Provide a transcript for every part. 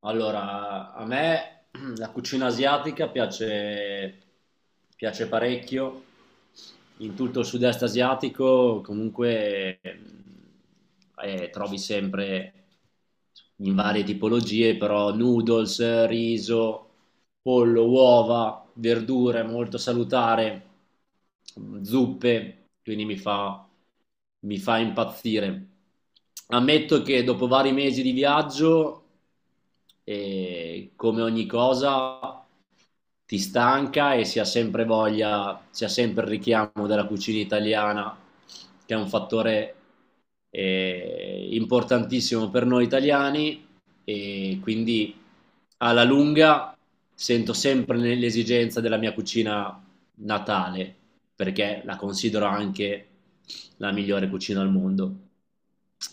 Allora, a me la cucina asiatica piace, piace parecchio, in tutto il sud-est asiatico comunque trovi sempre in varie tipologie, però noodles, riso, pollo, uova, verdure, molto salutare, zuppe, quindi mi fa impazzire. Ammetto che dopo vari mesi di viaggio, come ogni cosa, ti stanca e si ha sempre voglia, si ha sempre il richiamo della cucina italiana, che è un fattore importantissimo per noi italiani, e quindi alla lunga sento sempre l'esigenza della mia cucina natale, perché la considero anche la migliore cucina al mondo.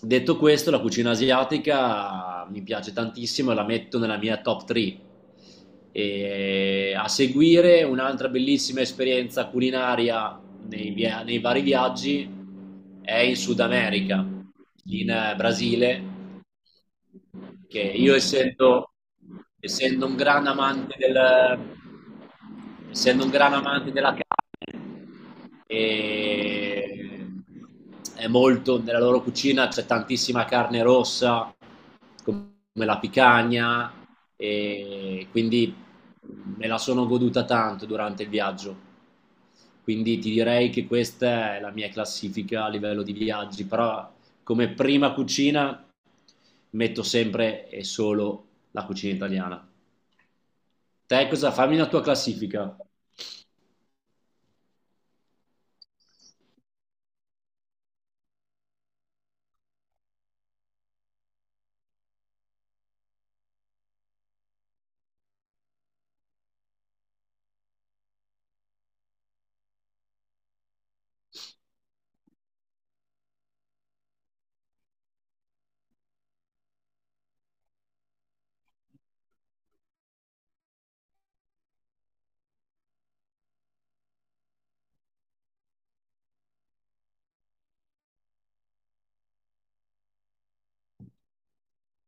Detto questo, la cucina asiatica mi piace tantissimo e la metto nella mia top 3. E a seguire un'altra bellissima esperienza culinaria nei vari viaggi è in Sud America, in Brasile, che io essendo un gran amante del, essendo un gran amante della, e è molto, nella loro cucina c'è tantissima carne rossa come la picagna, e quindi me la sono goduta tanto durante il viaggio. Quindi ti direi che questa è la mia classifica a livello di viaggi, però come prima cucina metto sempre e solo la cucina italiana. Te, cosa, fammi una tua classifica.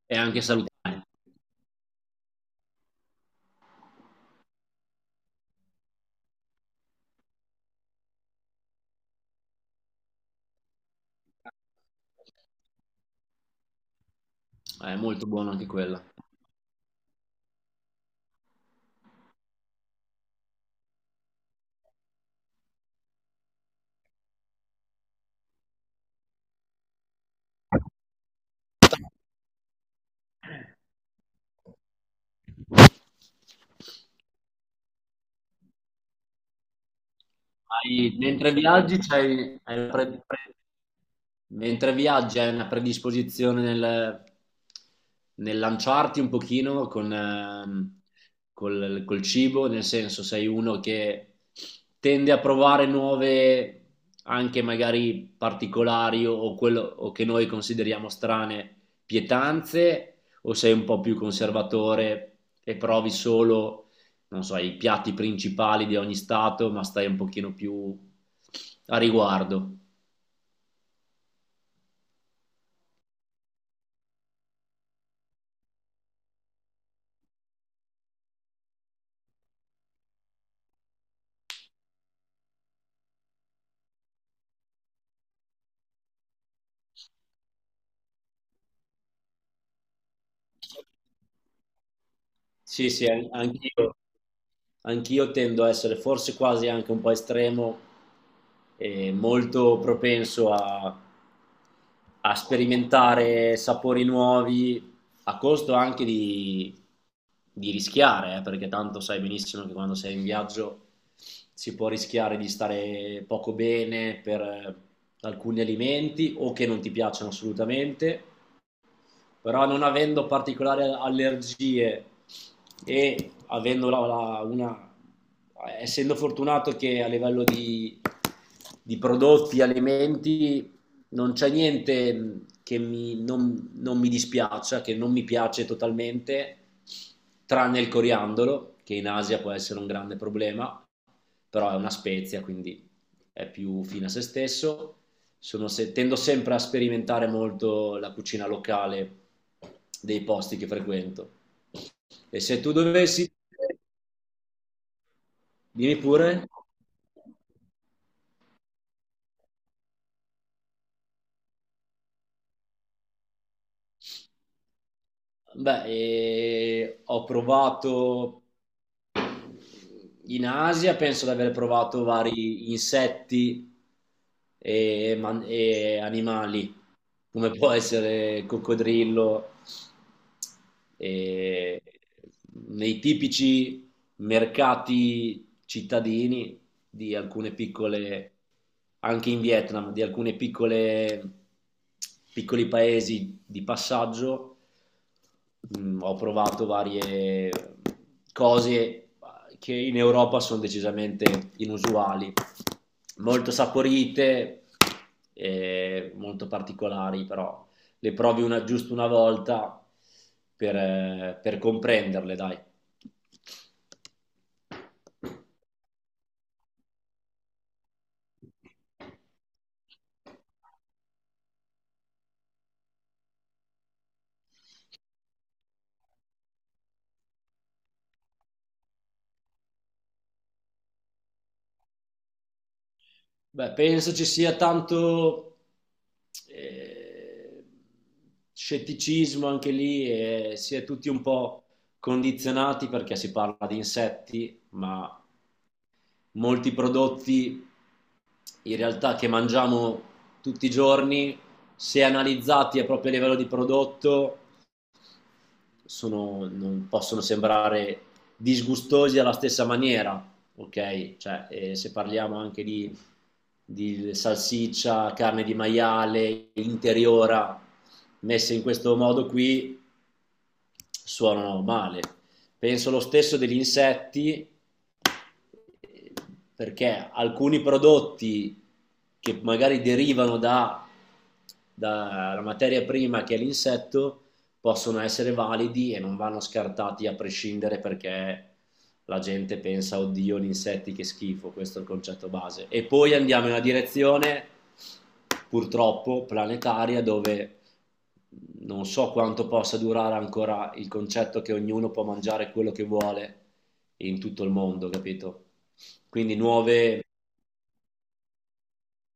E anche salutare. È molto buona anche quella. Mentre viaggi c'hai hai una pre- pre- mentre viaggi hai una predisposizione nel, nel lanciarti un pochino con, col, col cibo, nel senso sei uno che tende a provare nuove, anche magari particolari, o quello, o che noi consideriamo strane pietanze, o sei un po' più conservatore e provi solo, non so, i piatti principali di ogni stato, ma stai un pochino più a riguardo. Sì, sì, anch'io, anch'io tendo a essere forse quasi anche un po' estremo e molto propenso a, a sperimentare sapori nuovi, a costo anche di rischiare, perché tanto sai benissimo che quando sei in viaggio si può rischiare di stare poco bene per alcuni alimenti o che non ti piacciono assolutamente. Però, non avendo particolari allergie e avendo la- la- una, essendo fortunato che a livello di prodotti, alimenti, non c'è niente che non mi dispiaccia, che non mi piace totalmente, tranne il coriandolo, che in Asia può essere un grande problema, però è una spezia, quindi è più fine a se stesso. Sono se- Tendo sempre a sperimentare molto la cucina locale dei posti che frequento. E se tu dovessi, dimmi pure, beh, ho provato in Asia, penso di aver provato vari insetti e e animali, come può essere coccodrillo. E nei tipici mercati cittadini di alcune piccole, anche in Vietnam, di alcune piccole, piccoli paesi di passaggio, mm, ho provato varie cose che in Europa sono decisamente inusuali, molto saporite, molto particolari, però le provi una, giusto una volta per comprenderle, dai. Beh, penso ci sia tanto eh, scetticismo anche lì, e si è tutti un po' condizionati perché si parla di insetti, ma molti prodotti in realtà che mangiamo tutti i giorni, se analizzati a proprio livello di prodotto, sono, non possono sembrare disgustosi alla stessa maniera, ok? Cioè, se parliamo anche di salsiccia, carne di maiale, interiora, messe in questo modo qui, suonano male. Penso lo stesso degli insetti, perché alcuni prodotti che magari derivano da, dalla materia prima che è l'insetto, possono essere validi e non vanno scartati a prescindere perché la gente pensa oddio gli insetti che schifo, questo è il concetto base. E poi andiamo in una direzione purtroppo planetaria dove non so quanto possa durare ancora il concetto che ognuno può mangiare quello che vuole in tutto il mondo, capito? Quindi nuove,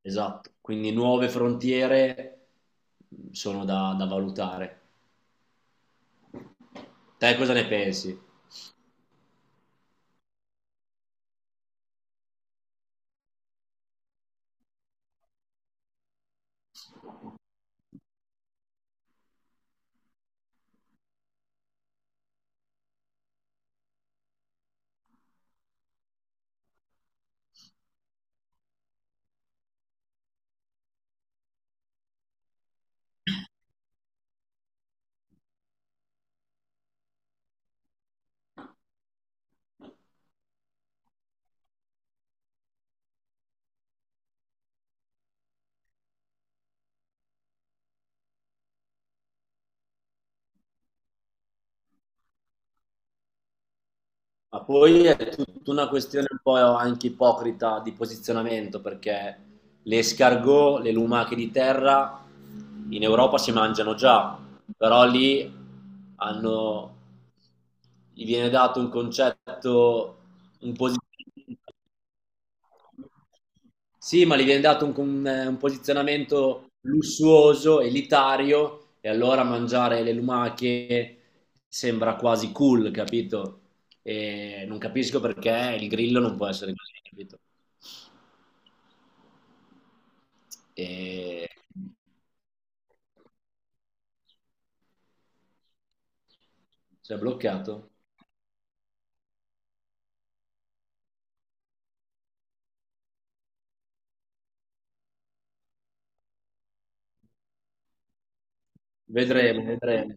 esatto, quindi nuove frontiere sono da, da valutare. Te cosa ne pensi? Ma poi è tutta una questione un po' anche ipocrita di posizionamento, perché le escargot, le lumache di terra in Europa si mangiano già, però lì hanno- gli viene dato un concetto, un posizionamento. Sì, ma gli viene dato un, un posizionamento lussuoso, elitario, e allora mangiare le lumache sembra quasi cool, capito? E non capisco perché il grillo non può essere così, capito? E... Si è bloccato. Vedremo, vedremo.